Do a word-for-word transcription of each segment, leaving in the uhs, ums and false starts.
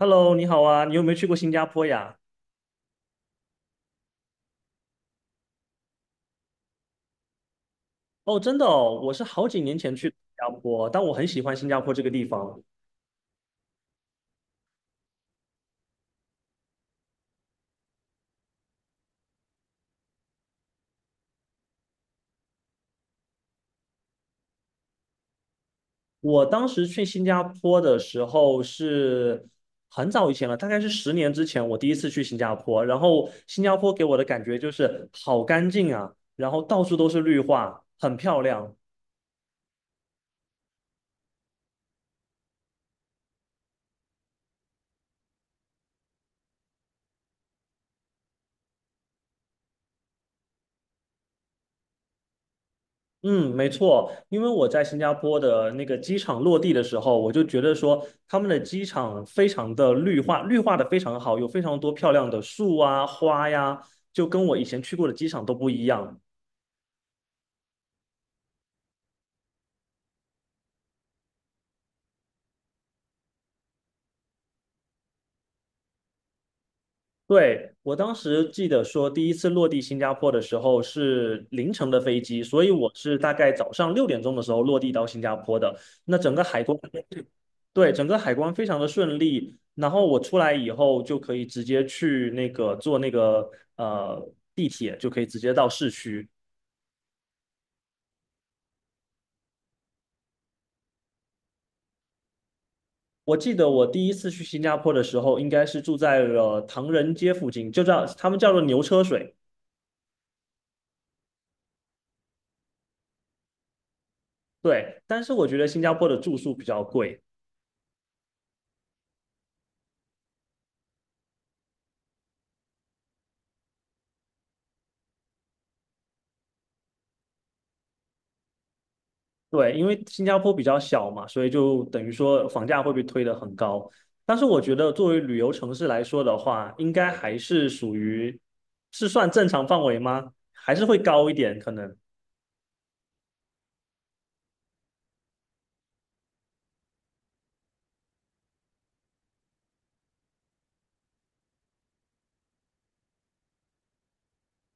Hello，你好啊，你有没有去过新加坡呀？哦，真的哦，我是好几年前去的新加坡，但我很喜欢新加坡这个地方。我当时去新加坡的时候是很早以前了，大概是十年之前，我第一次去新加坡。然后新加坡给我的感觉就是好干净啊，然后到处都是绿化，很漂亮。嗯，没错，因为我在新加坡的那个机场落地的时候，我就觉得说他们的机场非常的绿化，绿化的非常好，有非常多漂亮的树啊、花呀，就跟我以前去过的机场都不一样。对，我当时记得说，第一次落地新加坡的时候是凌晨的飞机，所以我是大概早上六点钟的时候落地到新加坡的。那整个海关对，整个海关非常的顺利，然后我出来以后就可以直接去那个坐那个呃地铁，就可以直接到市区。我记得我第一次去新加坡的时候，应该是住在了唐人街附近，就叫他们叫做牛车水。对，但是我觉得新加坡的住宿比较贵，对，因为新加坡比较小嘛，所以就等于说房价会被推得很高。但是我觉得作为旅游城市来说的话，应该还是属于是算正常范围吗？还是会高一点可能？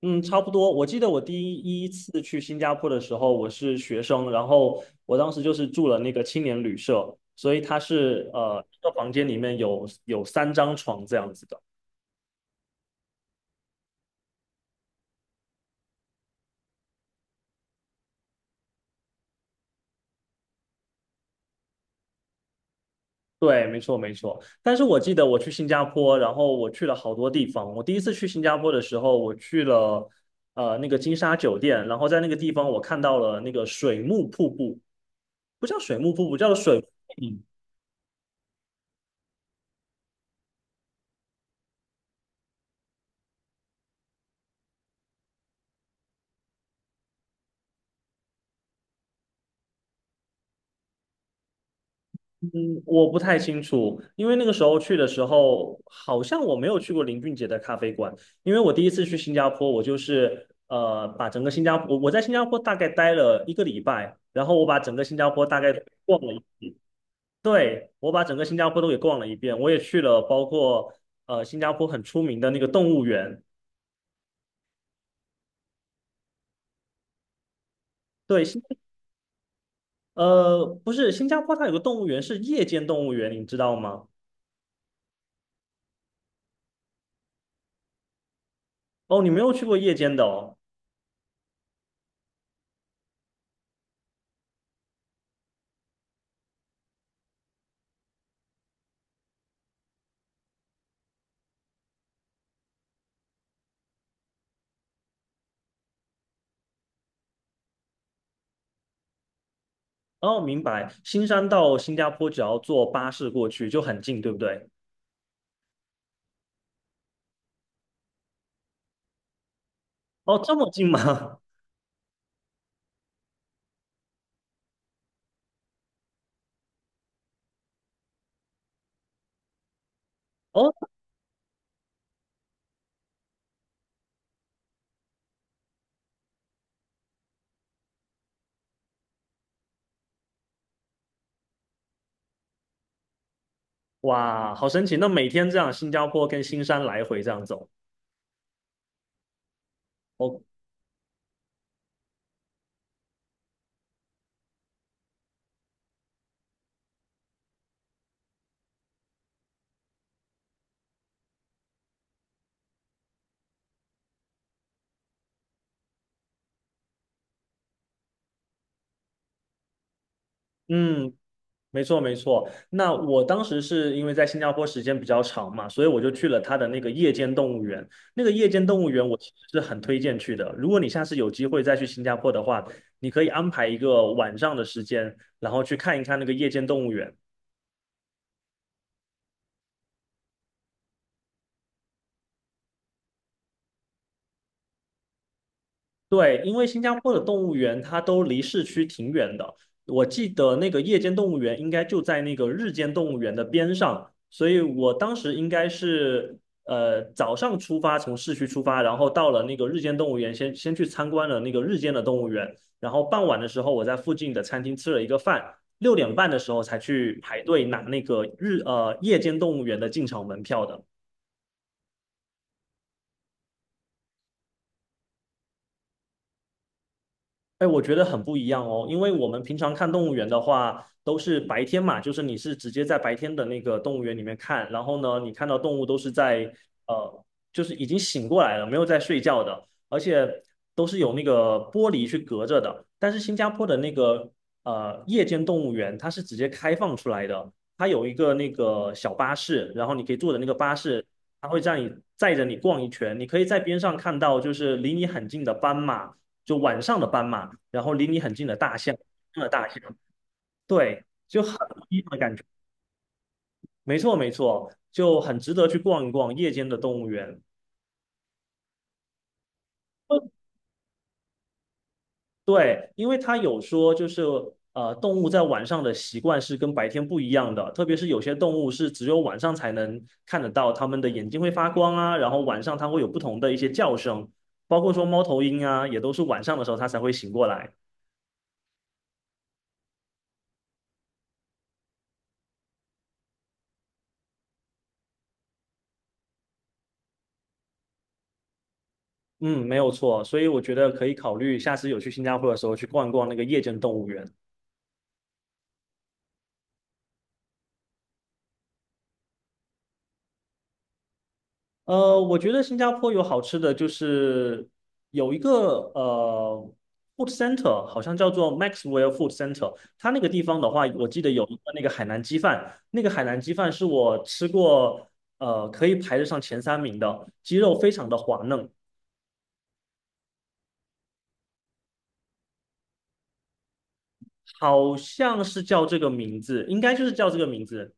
嗯，差不多。我记得我第一次去新加坡的时候，我是学生，然后我当时就是住了那个青年旅社，所以它是呃一个房间里面有有三张床这样子的。对，没错没错。但是我记得我去新加坡，然后我去了好多地方。我第一次去新加坡的时候，我去了呃那个金沙酒店，然后在那个地方我看到了那个水幕瀑布，不叫水幕瀑布，叫水。嗯，我不太清楚，因为那个时候去的时候，好像我没有去过林俊杰的咖啡馆，因为我第一次去新加坡，我就是呃把整个新加坡，我我在新加坡大概待了一个礼拜，然后我把整个新加坡大概逛了。对，我把整个新加坡都给逛了一遍，我也去了，包括呃新加坡很出名的那个动物园。对，新呃不是新加坡，它有个动物园是夜间动物园，你知道吗？哦，你没有去过夜间的哦。哦，明白。新山到新加坡只要坐巴士过去就很近，对不对？哦，这么近吗？哦，哇，好神奇！那每天这样，新加坡跟新山来回这样走。哦，嗯，没错，没错。那我当时是因为在新加坡时间比较长嘛，所以我就去了它的那个夜间动物园。那个夜间动物园我其实是很推荐去的。如果你下次有机会再去新加坡的话，你可以安排一个晚上的时间，然后去看一看那个夜间动物园。对，因为新加坡的动物园它都离市区挺远的，我记得那个夜间动物园应该就在那个日间动物园的边上，所以我当时应该是呃早上出发，从市区出发，然后到了那个日间动物园先，先去参观了那个日间的动物园，然后傍晚的时候我在附近的餐厅吃了一个饭，六点半的时候才去排队拿那个日呃夜间动物园的进场门票的。哎，我觉得很不一样哦，因为我们平常看动物园的话，都是白天嘛，就是你是直接在白天的那个动物园里面看，然后呢，你看到动物都是在呃，就是已经醒过来了，没有在睡觉的，而且都是有那个玻璃去隔着的。但是新加坡的那个呃夜间动物园，它是直接开放出来的，它有一个那个小巴士，然后你可以坐的那个巴士，它会让你载着你逛一圈，你可以在边上看到就是离你很近的斑马，就晚上的斑马。然后离你很近的大象，真的大象，对，就很不一样的感觉。没错，没错，就很值得去逛一逛夜间的动物园。对，因为他有说，就是呃，动物在晚上的习惯是跟白天不一样的，特别是有些动物是只有晚上才能看得到，它们的眼睛会发光啊，然后晚上它会有不同的一些叫声，包括说猫头鹰啊，也都是晚上的时候它才会醒过来。嗯，没有错，所以我觉得可以考虑下次有去新加坡的时候去逛一逛那个夜间动物园。呃，我觉得新加坡有好吃的，就是有一个呃 food center，好像叫做 Maxwell Food Center。它那个地方的话，我记得有一个那个海南鸡饭，那个海南鸡饭是我吃过呃可以排得上前三名的，鸡肉非常的滑嫩，好像是叫这个名字，应该就是叫这个名字。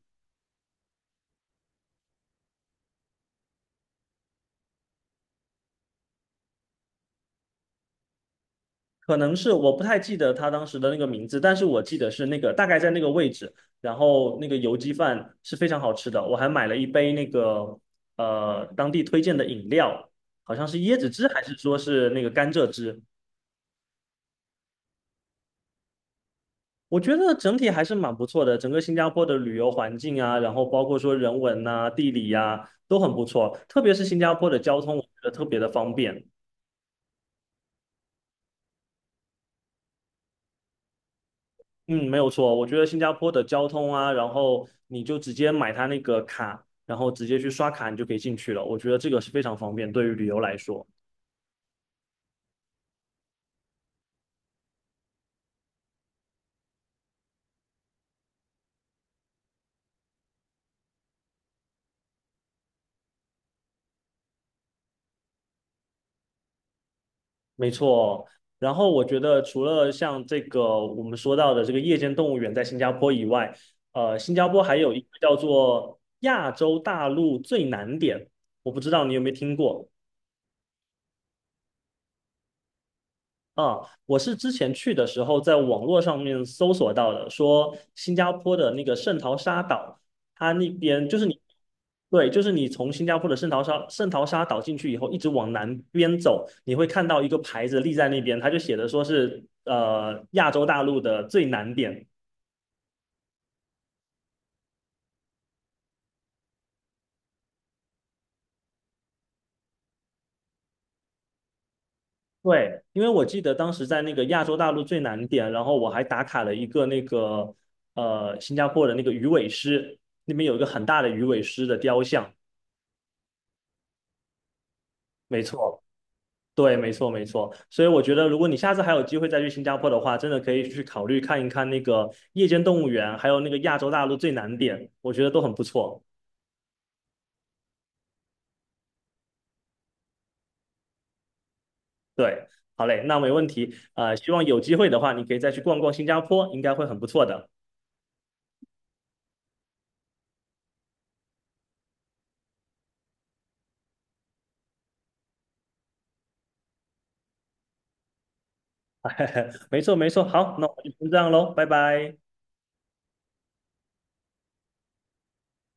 可能是我不太记得他当时的那个名字，但是我记得是那个大概在那个位置，然后那个油鸡饭是非常好吃的，我还买了一杯那个呃当地推荐的饮料，好像是椰子汁还是说是那个甘蔗汁，我觉得整体还是蛮不错的，整个新加坡的旅游环境啊，然后包括说人文呐、地理呀、都很不错，特别是新加坡的交通，我觉得特别的方便。嗯，没有错，我觉得新加坡的交通啊，然后你就直接买它那个卡，然后直接去刷卡，你就可以进去了。我觉得这个是非常方便，对于旅游来说，没错。然后我觉得除了像这个我们说到的这个夜间动物园在新加坡以外，呃，新加坡还有一个叫做亚洲大陆最南点，我不知道你有没有听过。啊，我是之前去的时候在网络上面搜索到的，说新加坡的那个圣淘沙岛，它那边就是你，对，就是你从新加坡的圣淘沙圣淘沙岛进去以后，一直往南边走，你会看到一个牌子立在那边，它就写的说是呃亚洲大陆的最南点。对，因为我记得当时在那个亚洲大陆最南点，然后我还打卡了一个那个呃新加坡的那个鱼尾狮，那边有一个很大的鱼尾狮的雕像，没错。对，没错，没错。所以我觉得，如果你下次还有机会再去新加坡的话，真的可以去考虑看一看那个夜间动物园，还有那个亚洲大陆最南点，我觉得都很不错。对，好嘞，那没问题。啊，希望有机会的话，你可以再去逛逛新加坡，应该会很不错的。没错，没错。好，那我们就先这样喽，拜拜。